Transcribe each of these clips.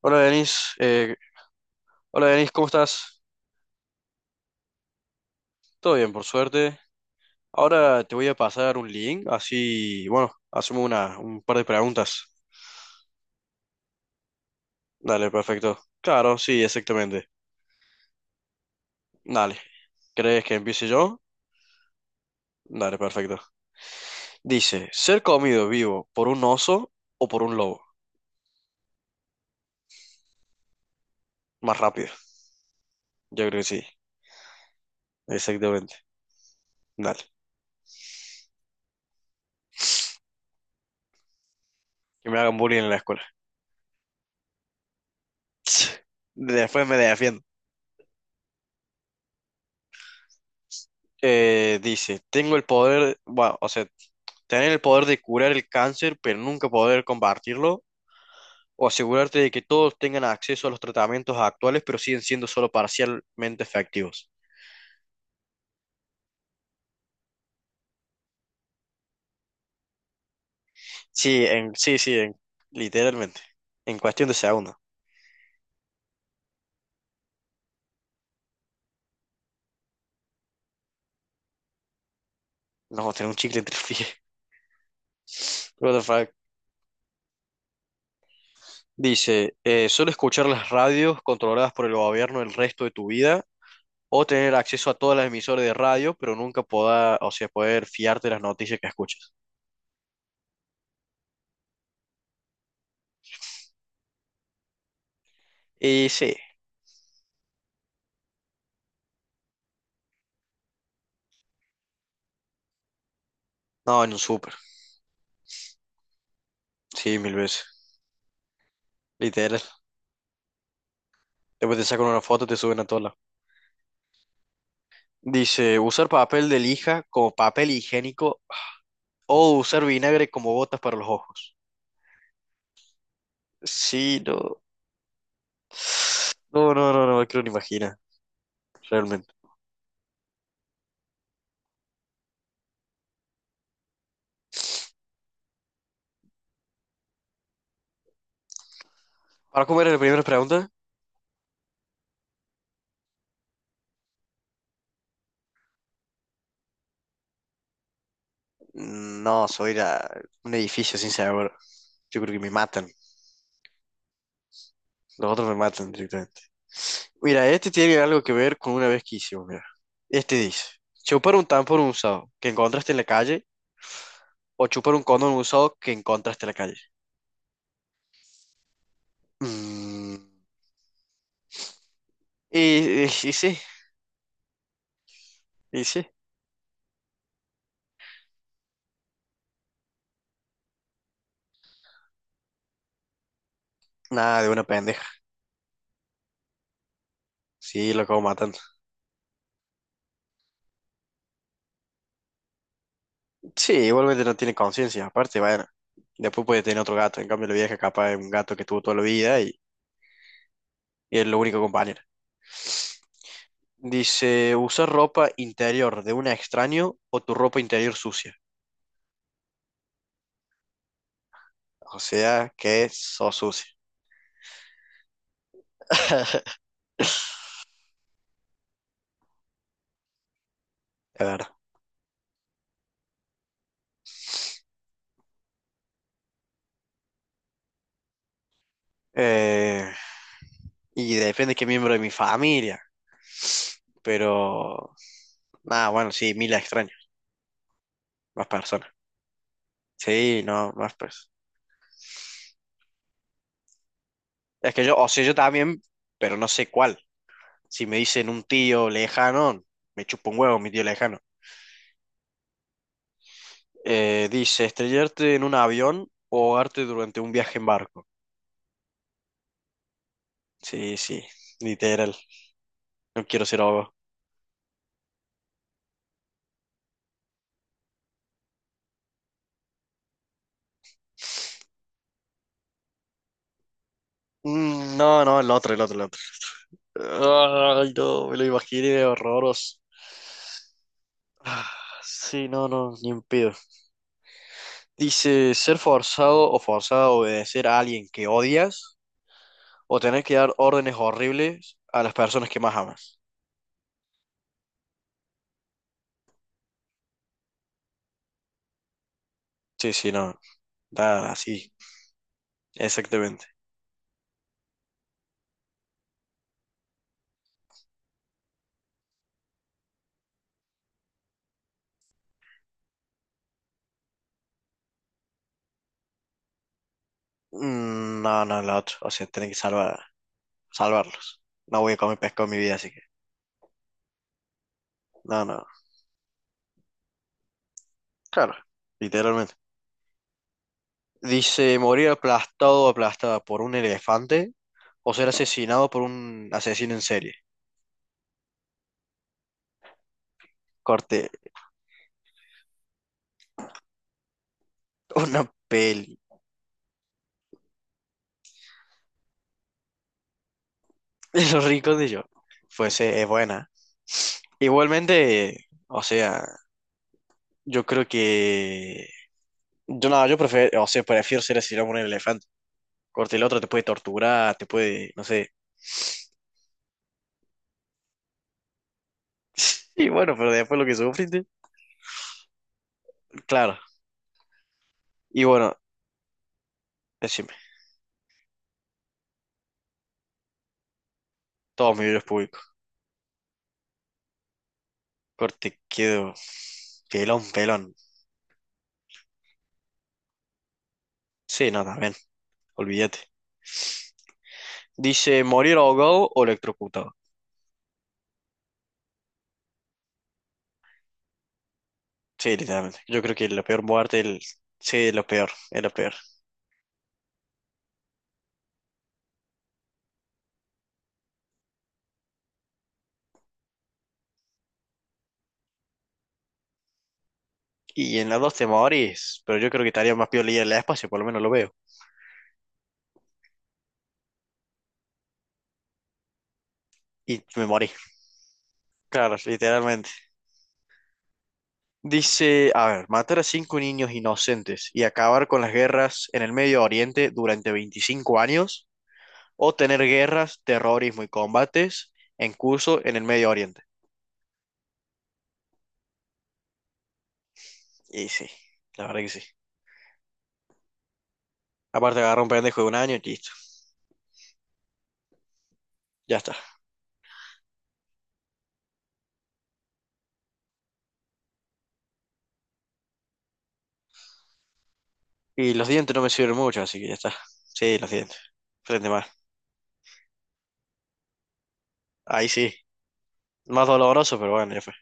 Hola Denis, eh, Hola Denis, ¿cómo estás? Todo bien, por suerte. Ahora te voy a pasar un link, así, bueno, hacemos un par de preguntas. Dale, perfecto. Claro, sí, exactamente. Dale, ¿crees que empiece yo? Dale, perfecto. Dice, ¿ser comido vivo por un oso o por un lobo? Más rápido. Yo creo que sí, exactamente. Dale, que me hagan bullying en la escuela. Después me defiendo. Dice, bueno, o sea, tener el poder de curar el cáncer, pero nunca poder combatirlo. O asegurarte de que todos tengan acceso a los tratamientos actuales, pero siguen siendo solo parcialmente efectivos. Sí, sí, sí, literalmente. En cuestión de segundos. Nos vamos a tener un chicle entre los pies. What the fuck. Dice, solo escuchar las radios controladas por el gobierno el resto de tu vida, o tener acceso a todas las emisoras de radio, pero nunca poder, o sea, poder fiarte de las noticias que escuchas. Y sí, no, en un súper, sí, mil veces, literal. Después te sacan una foto y te suben a todos lados. Dice, usar papel de lija como papel higiénico o usar vinagre como botas para los ojos. Sí, no. No, no, no, no me quiero ni imaginar, realmente. ¿Para comer era la primera pregunta? No, soy un edificio sin sabor. Yo creo que me matan. Los otros me matan directamente. Mira, este tiene algo que ver con una vez que hicimos, mira. Este dice, chupar un tampón usado que encontraste en la calle o chupar un condón usado que encontraste en la calle. Mm. Y sí, y sí. Nada, de una pendeja. Sí, lo acabo matando. Sí, igualmente no tiene conciencia. Aparte, bueno, después puede tener otro gato. En cambio, la vieja capaz es un gato que tuvo toda la vida y es lo único compañero. Dice, usar ropa interior de un extraño o tu ropa interior sucia. O sea, que sos sucia. Es verdad. Eh, y depende de qué miembro de mi familia. Pero, nada, bueno, sí, mil extraños. Más personas. Sí, no, más personas. Es que yo, o sea, yo también, pero no sé cuál. Si me dicen un tío lejano, me chupo un huevo mi tío lejano. Dice, estrellarte en un avión o ahogarte durante un viaje en barco. Sí, sí, literal. No quiero ser ahogado. No, no, el otro, el otro, el otro. Ay, no, me lo imaginé horroroso. Ah, sí, no, no, ni un pedo. Dice, ser forzado a obedecer a alguien que odias o tener que dar órdenes horribles a las personas que más amas. Sí, sí, no. Da así, exactamente. No, no, la otra. O sea, tienen que salvarlos. No voy a comer pescado en mi vida, así que. No, no. Claro, literalmente. Dice, morir aplastado o aplastada por un elefante o ser asesinado por un asesino en serie. Corte, una peli. Los ricos de yo. Pues es buena. Igualmente, o sea, yo creo que. Yo no, yo prefiero, o sea, prefiero ser asesinado por un elefante. Corte el otro, te puede torturar, te puede, no sé. Y bueno, pero después lo que sufriste, claro. Y bueno, decime, todos mis videos públicos. Corte, quedo pelón, pelón. Sí, no, también, olvídate. Dice, morir ahogado o electrocutado. Sí, literalmente. Yo creo que la peor muerte, sí, es lo peor, es lo peor. Y en las dos te morís, pero yo creo que estaría más peor leer el espacio, por lo menos lo veo. Y me morí. Claro, literalmente. Dice, a ver, matar a cinco niños inocentes y acabar con las guerras en el Medio Oriente durante 25 años, o tener guerras, terrorismo y combates en curso en el Medio Oriente. Y sí, la verdad que sí. Aparte agarra un pendejo de un año y listo, ya está. Y los dientes no me sirven mucho, así que ya está. Sí, los dientes. Frente más. Ahí sí. Más doloroso, pero bueno, ya fue.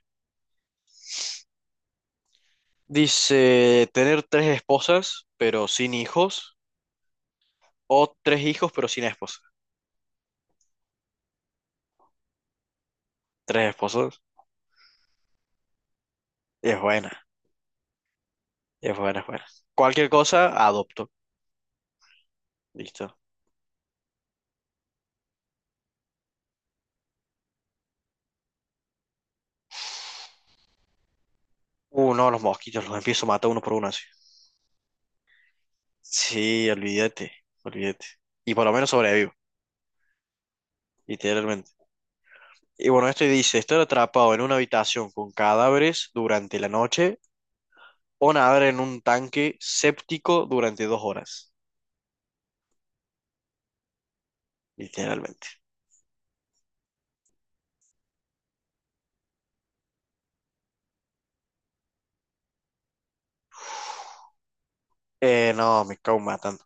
Dice, tener tres esposas, pero sin hijos, o tres hijos, pero sin esposa. Tres esposos. Es buena. Es buena, es buena. Cualquier cosa, adopto. Listo. No, los mosquitos los empiezo a matar uno por uno así. Sí, olvídate, olvídate. Y por lo menos sobrevivo, literalmente. Y bueno, esto dice, estar atrapado en una habitación con cadáveres durante la noche o nadar en un tanque séptico durante 2 horas, literalmente. No, me cago matando.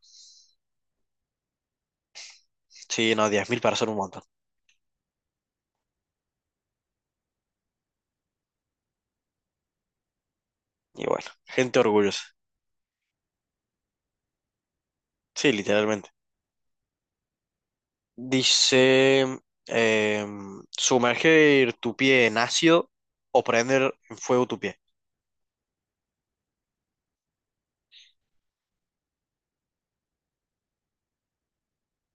Sí, no, 10.000 para ser un montón. Y bueno, gente orgullosa. Sí, literalmente. Dice, sumergir tu pie en ácido o prender en fuego tu pie.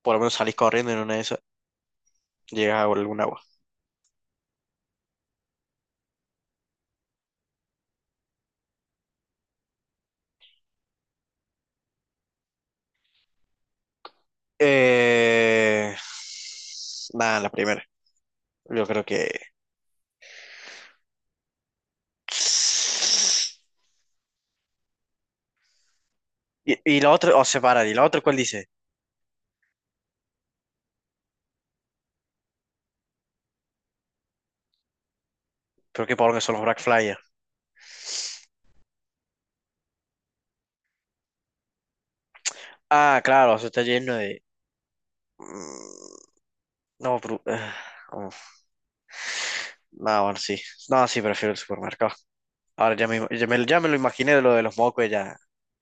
Por lo menos salís corriendo y en una de esas, llegas a algún agua. Eh, Nada, la primera. Yo creo que. Y la otra, o separar, y la otra, ¿cuál dice? Creo que por que son los Black Flyers. Ah, claro, eso está lleno de. Mm, No, pero, ah, uf. No, bueno, sí. No, sí, prefiero el supermercado. Ahora ya me lo imaginé de lo de los mocos,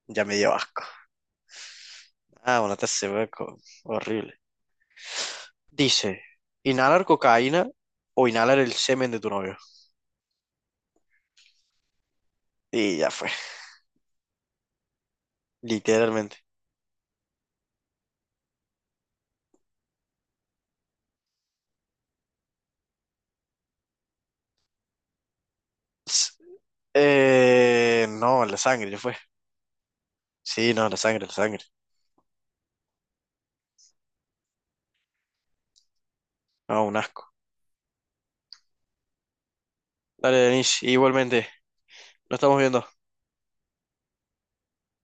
ya me dio asco. Ah, bueno, te hace ve horrible. Dice, inhalar cocaína o inhalar el semen de tu novio. Y ya fue, literalmente. S- no, la sangre, ya fue. Sí, no, la sangre, la sangre. No, un asco. Dale, Denis igualmente, lo estamos viendo.